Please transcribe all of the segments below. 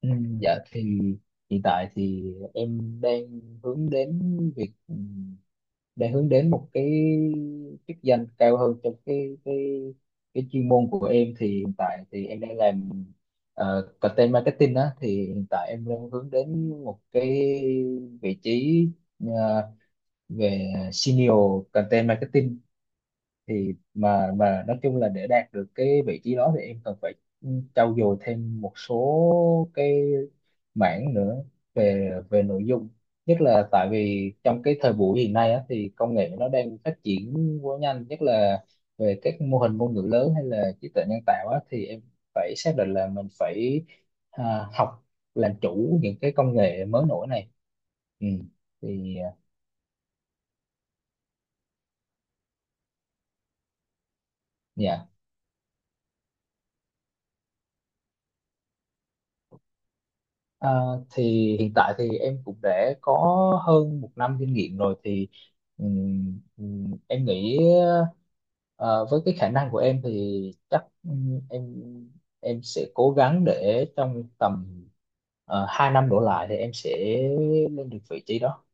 Ừ, dạ thì hiện tại thì em đang hướng đến việc ừ, đang hướng đến một cái chức danh cao hơn trong cái chuyên môn của em thì hiện tại thì em đang làm content marketing đó, thì hiện tại em đang hướng đến một cái vị trí ờ, về senior content marketing. Thì mà nói chung là để đạt được cái vị trí đó thì em cần phải trau dồi thêm một số cái mảng nữa về về nội dung, nhất là tại vì trong cái thời buổi hiện nay á, thì công nghệ nó đang phát triển quá nhanh, nhất là về các mô hình ngôn ngữ lớn hay là trí tuệ nhân tạo á, thì em phải xác định là mình phải học, làm chủ những cái công nghệ mới nổi này. Ừ. thì à, dạ. À, thì hiện tại thì em cũng đã có hơn một năm kinh nghiệm rồi, thì em nghĩ ờ, với cái khả năng của em thì chắc em sẽ cố gắng để trong tầm 2 năm đổ lại thì em sẽ lên được vị trí đó.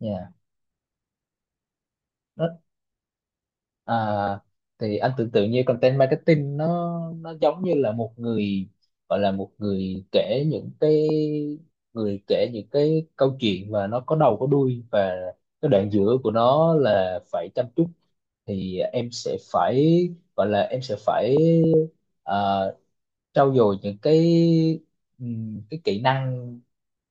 Yeah. À, thì anh tưởng tượng như content marketing nó giống như là một người, gọi là một người kể những người kể những cái câu chuyện, và nó có đầu có đuôi và cái đoạn giữa của nó là phải chăm chút. Thì em sẽ phải, gọi là em sẽ phải à, trau dồi những cái kỹ năng,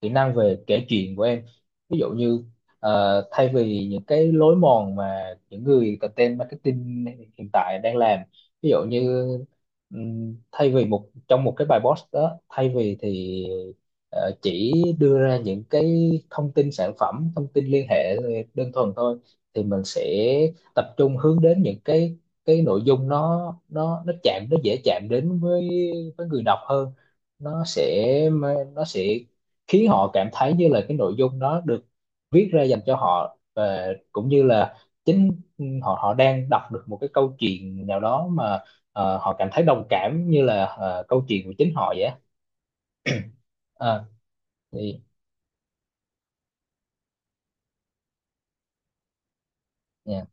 kỹ năng về kể chuyện của em. Ví dụ như thay vì những cái lối mòn mà những người content marketing hiện tại đang làm. Ví dụ như thay vì một trong một cái bài post đó, thay vì thì chỉ đưa ra những cái thông tin sản phẩm, thông tin liên hệ đơn thuần thôi, thì mình sẽ tập trung hướng đến những cái nội dung nó nó chạm, nó dễ chạm đến với người đọc hơn. nó sẽ nó sẽ khiến họ cảm thấy như là cái nội dung đó được viết ra dành cho họ, và cũng như là chính họ họ đang đọc được một cái câu chuyện nào đó mà họ cảm thấy đồng cảm như là câu chuyện của chính họ vậy á. À thì dạ.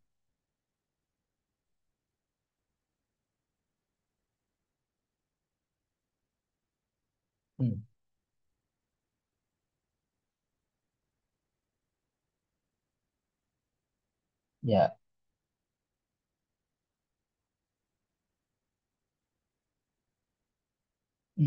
Ừ, dạ. Ừ.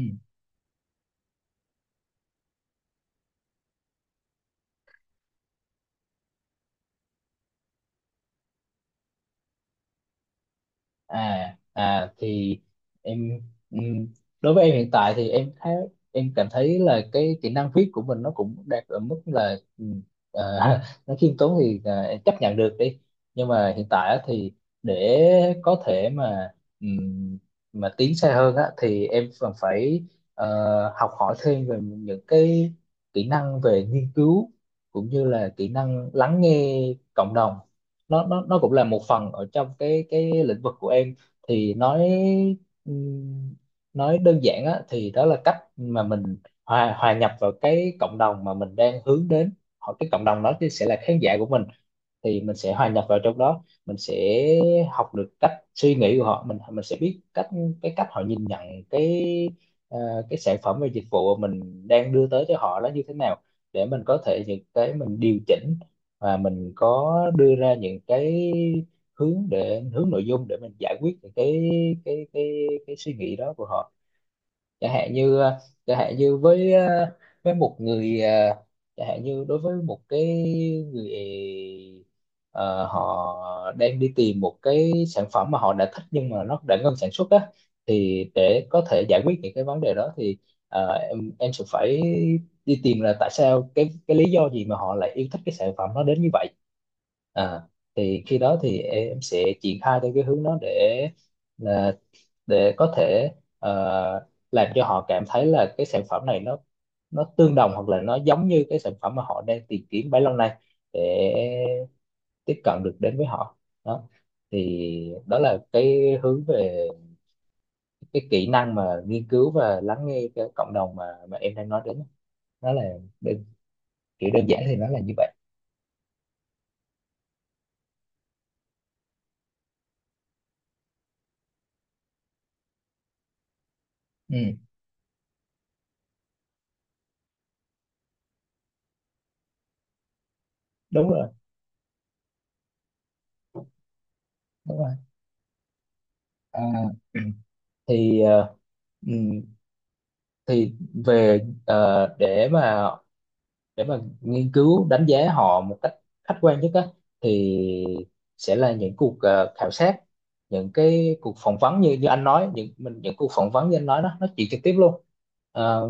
thì em ừm, đối với em hiện tại thì em thấy, em cảm thấy là cái kỹ năng viết của mình nó cũng đạt ở mức là ờ, nó khiêm tốn thì em chấp nhận được đi. Nhưng mà hiện tại á thì để có thể ừm, mà tiến xa hơn á thì em còn phải ờ, học hỏi thêm về những cái kỹ năng về nghiên cứu, cũng như là kỹ năng lắng nghe cộng đồng. Nó nó cũng là một phần ở trong cái lĩnh vực của em. Thì ừm, nói đơn giản á, thì đó là cách mà mình hòa hòa nhập vào cái cộng đồng mà mình đang hướng đến. Họ, cái cộng đồng đó thì sẽ là khán giả của mình, thì mình sẽ hòa nhập vào trong đó, mình sẽ học được cách suy nghĩ của họ, mình sẽ biết cách, cái cách họ nhìn nhận cái ờ, cái sản phẩm và dịch vụ mà mình đang đưa tới cho họ là như thế nào, để mình có thể những cái mình điều chỉnh, và mình có đưa ra những cái hướng để hướng nội dung để mình giải quyết những cái cái suy nghĩ đó của họ. Chẳng hạn như chẳng hạn như với ờ, với một người chẳng hạn như đối với một cái người ờ, họ đang đi tìm một cái sản phẩm mà họ đã thích nhưng mà nó đã ngưng sản xuất á, thì để có thể giải quyết những cái vấn đề đó thì em sẽ phải đi tìm là tại sao, cái lý do gì mà họ lại yêu thích cái sản phẩm nó đến như vậy. À, thì khi đó thì em sẽ triển khai theo cái hướng đó để là để có thể làm cho họ cảm thấy là cái sản phẩm này nó tương đồng hoặc là nó giống như cái sản phẩm mà họ đang tìm kiếm bấy lâu nay, để tiếp cận được đến với họ. Đó, thì đó là cái hướng về cái kỹ năng mà nghiên cứu và lắng nghe cái cộng đồng mà em đang nói đến. Nó là đơn, kiểu đơn giản thì nó là như vậy. Ừ, đúng rồi, đúng rồi. À, thì ừ, thì về để mà nghiên cứu đánh giá họ một cách khách quan nhất á, thì sẽ là những cuộc khảo sát, những cái cuộc phỏng vấn như như anh nói những mình những cuộc phỏng vấn như anh nói đó, nói chuyện trực tiếp luôn. Ờ,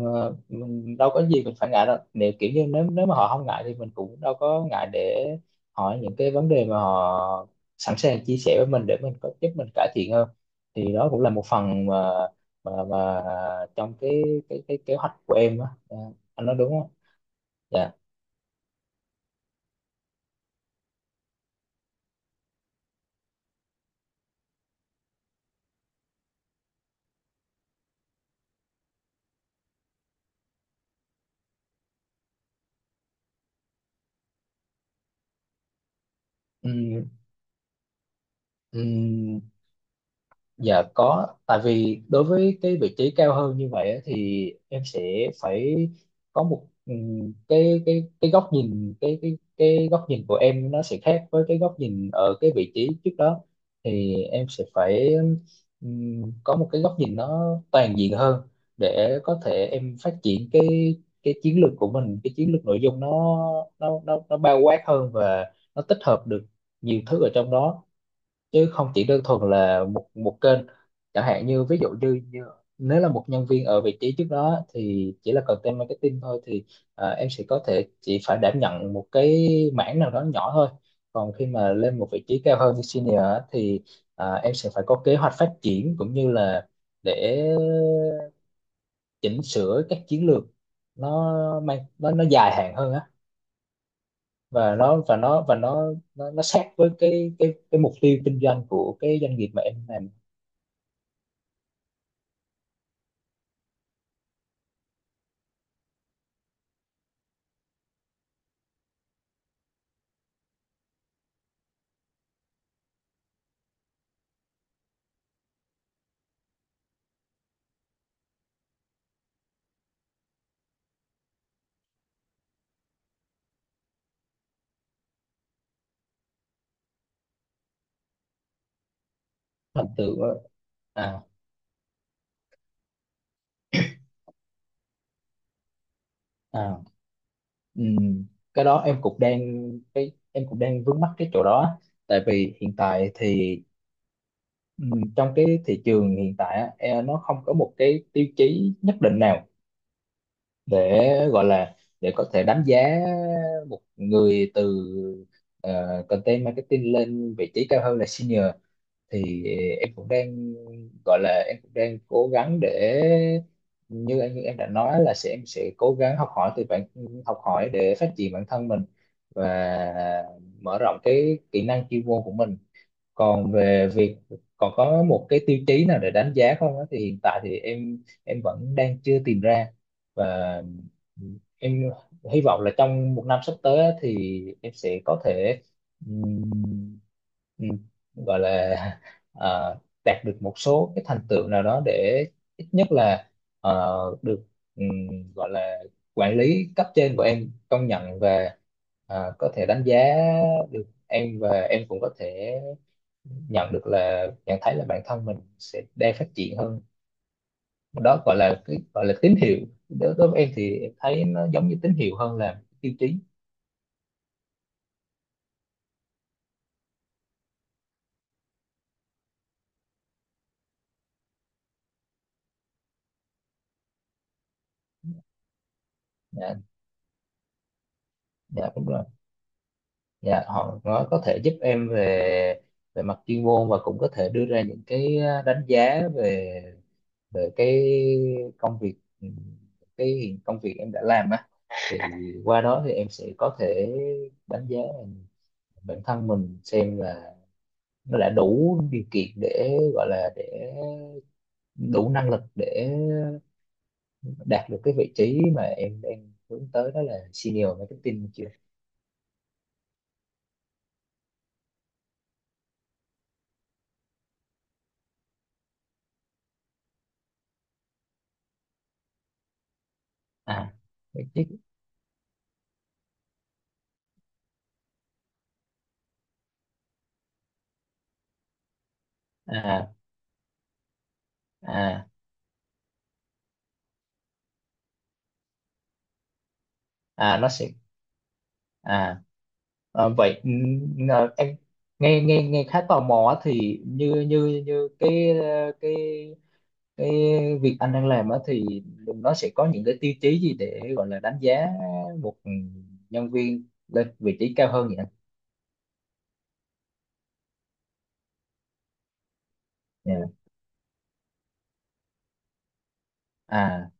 mình đâu có gì mình phải ngại đâu, nếu kiểu như nếu nếu mà họ không ngại thì mình cũng đâu có ngại để hỏi những cái vấn đề mà họ sẵn sàng chia sẻ với mình, để mình có giúp mình cải thiện hơn. Thì đó cũng là một phần mà mà mà trong cái cái kế hoạch của em á. Ờ, anh nói đúng không? Dạ. Ừ, ừ, dạ có, tại vì đối với cái vị trí cao hơn như vậy á, thì em sẽ phải có một cái góc nhìn, cái góc nhìn của em nó sẽ khác với cái góc nhìn ở cái vị trí trước đó. Thì em sẽ phải ừ, có một cái góc nhìn nó toàn diện hơn, để có thể em phát triển cái chiến lược của mình, cái chiến lược nội dung nó nó bao quát hơn và nó tích hợp được nhiều thứ ở trong đó, chứ không chỉ đơn thuần là một một kênh. Chẳng hạn như ví dụ như, như nếu là một nhân viên ở vị trí trước đó thì chỉ là content marketing thôi, thì em sẽ có thể chỉ phải đảm nhận một cái mảng nào đó nhỏ thôi. Còn khi mà lên một vị trí cao hơn như senior á, thì em sẽ phải có kế hoạch phát triển, cũng như là để chỉnh sửa các chiến lược, nó mang nó dài hạn hơn á, và nó sát với cái cái mục tiêu kinh doanh của cái doanh nghiệp mà em làm. Thành tựu á. à à ừm, cái đó em cũng đang, cái em cũng đang vướng mắc cái chỗ đó. Tại vì hiện tại thì trong cái thị trường hiện tại á, nó không có một cái tiêu chí nhất định nào để gọi là để có thể đánh giá một người từ ờ, content marketing lên vị trí cao hơn là senior. Thì em cũng đang gọi là em cũng đang cố gắng để, như anh như em đã nói là em sẽ cố gắng học hỏi từ học hỏi để phát triển bản thân mình và mở rộng cái kỹ năng chuyên môn của mình. Còn về việc còn có một cái tiêu chí nào để đánh giá không á thì hiện tại thì em vẫn đang chưa tìm ra. Và em hy vọng là trong một năm sắp tới á thì em sẽ có thể ừm, ừm, gọi là ờ, đạt được một số cái thành tựu nào đó, để ít nhất là ờ, được ừm, gọi là quản lý cấp trên của em công nhận, và có thể đánh giá được em, và em cũng có thể nhận được là nhận thấy là bản thân mình sẽ đang phát triển hơn. Đó, gọi là cái gọi là tín hiệu. Đối với em thì em thấy nó giống như tín hiệu hơn là tiêu chí. Dạ. Dạ, đúng rồi. Dạ, họ có thể giúp em về về mặt chuyên môn, và cũng có thể đưa ra những cái đánh giá về về cái công việc, công việc em đã làm á, thì qua đó thì em sẽ có thể đánh giá bản thân mình xem là nó đã đủ điều kiện để gọi là để đủ năng lực để đạt được cái vị trí mà em đang hướng tới, đó là senior marketing chưa. À vị trí. À à, à nó sẽ à, à vậy, em nghe nghe nghe khá tò mò á, thì như như như cái cái việc anh đang làm á thì nó sẽ có những cái tiêu chí gì để gọi là đánh giá một nhân viên lên vị trí cao hơn vậy anh? Dạ. À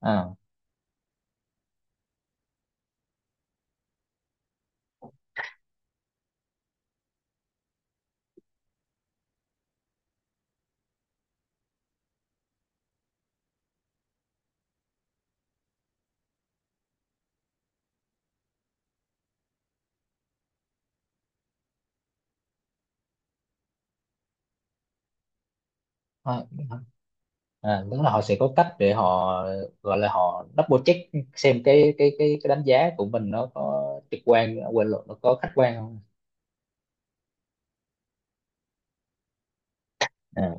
à à, đúng là họ sẽ có cách để họ, gọi là họ double check xem cái cái đánh giá của mình nó có, trực quan quên lộn nó có khách quan không. À,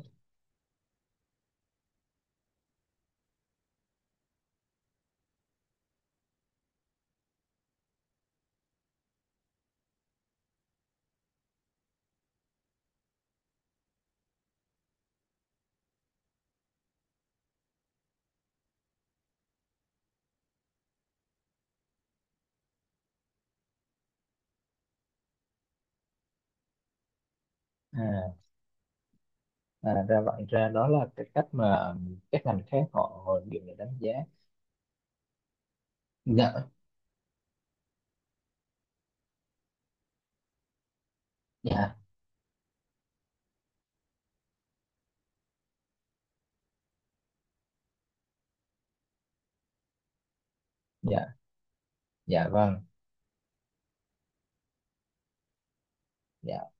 à, à, ra vậy, ra đó là cái cách mà các ngành khác họ họ dùng để đánh giá. Dạ. dạ dạ dạ vâng. Dạ.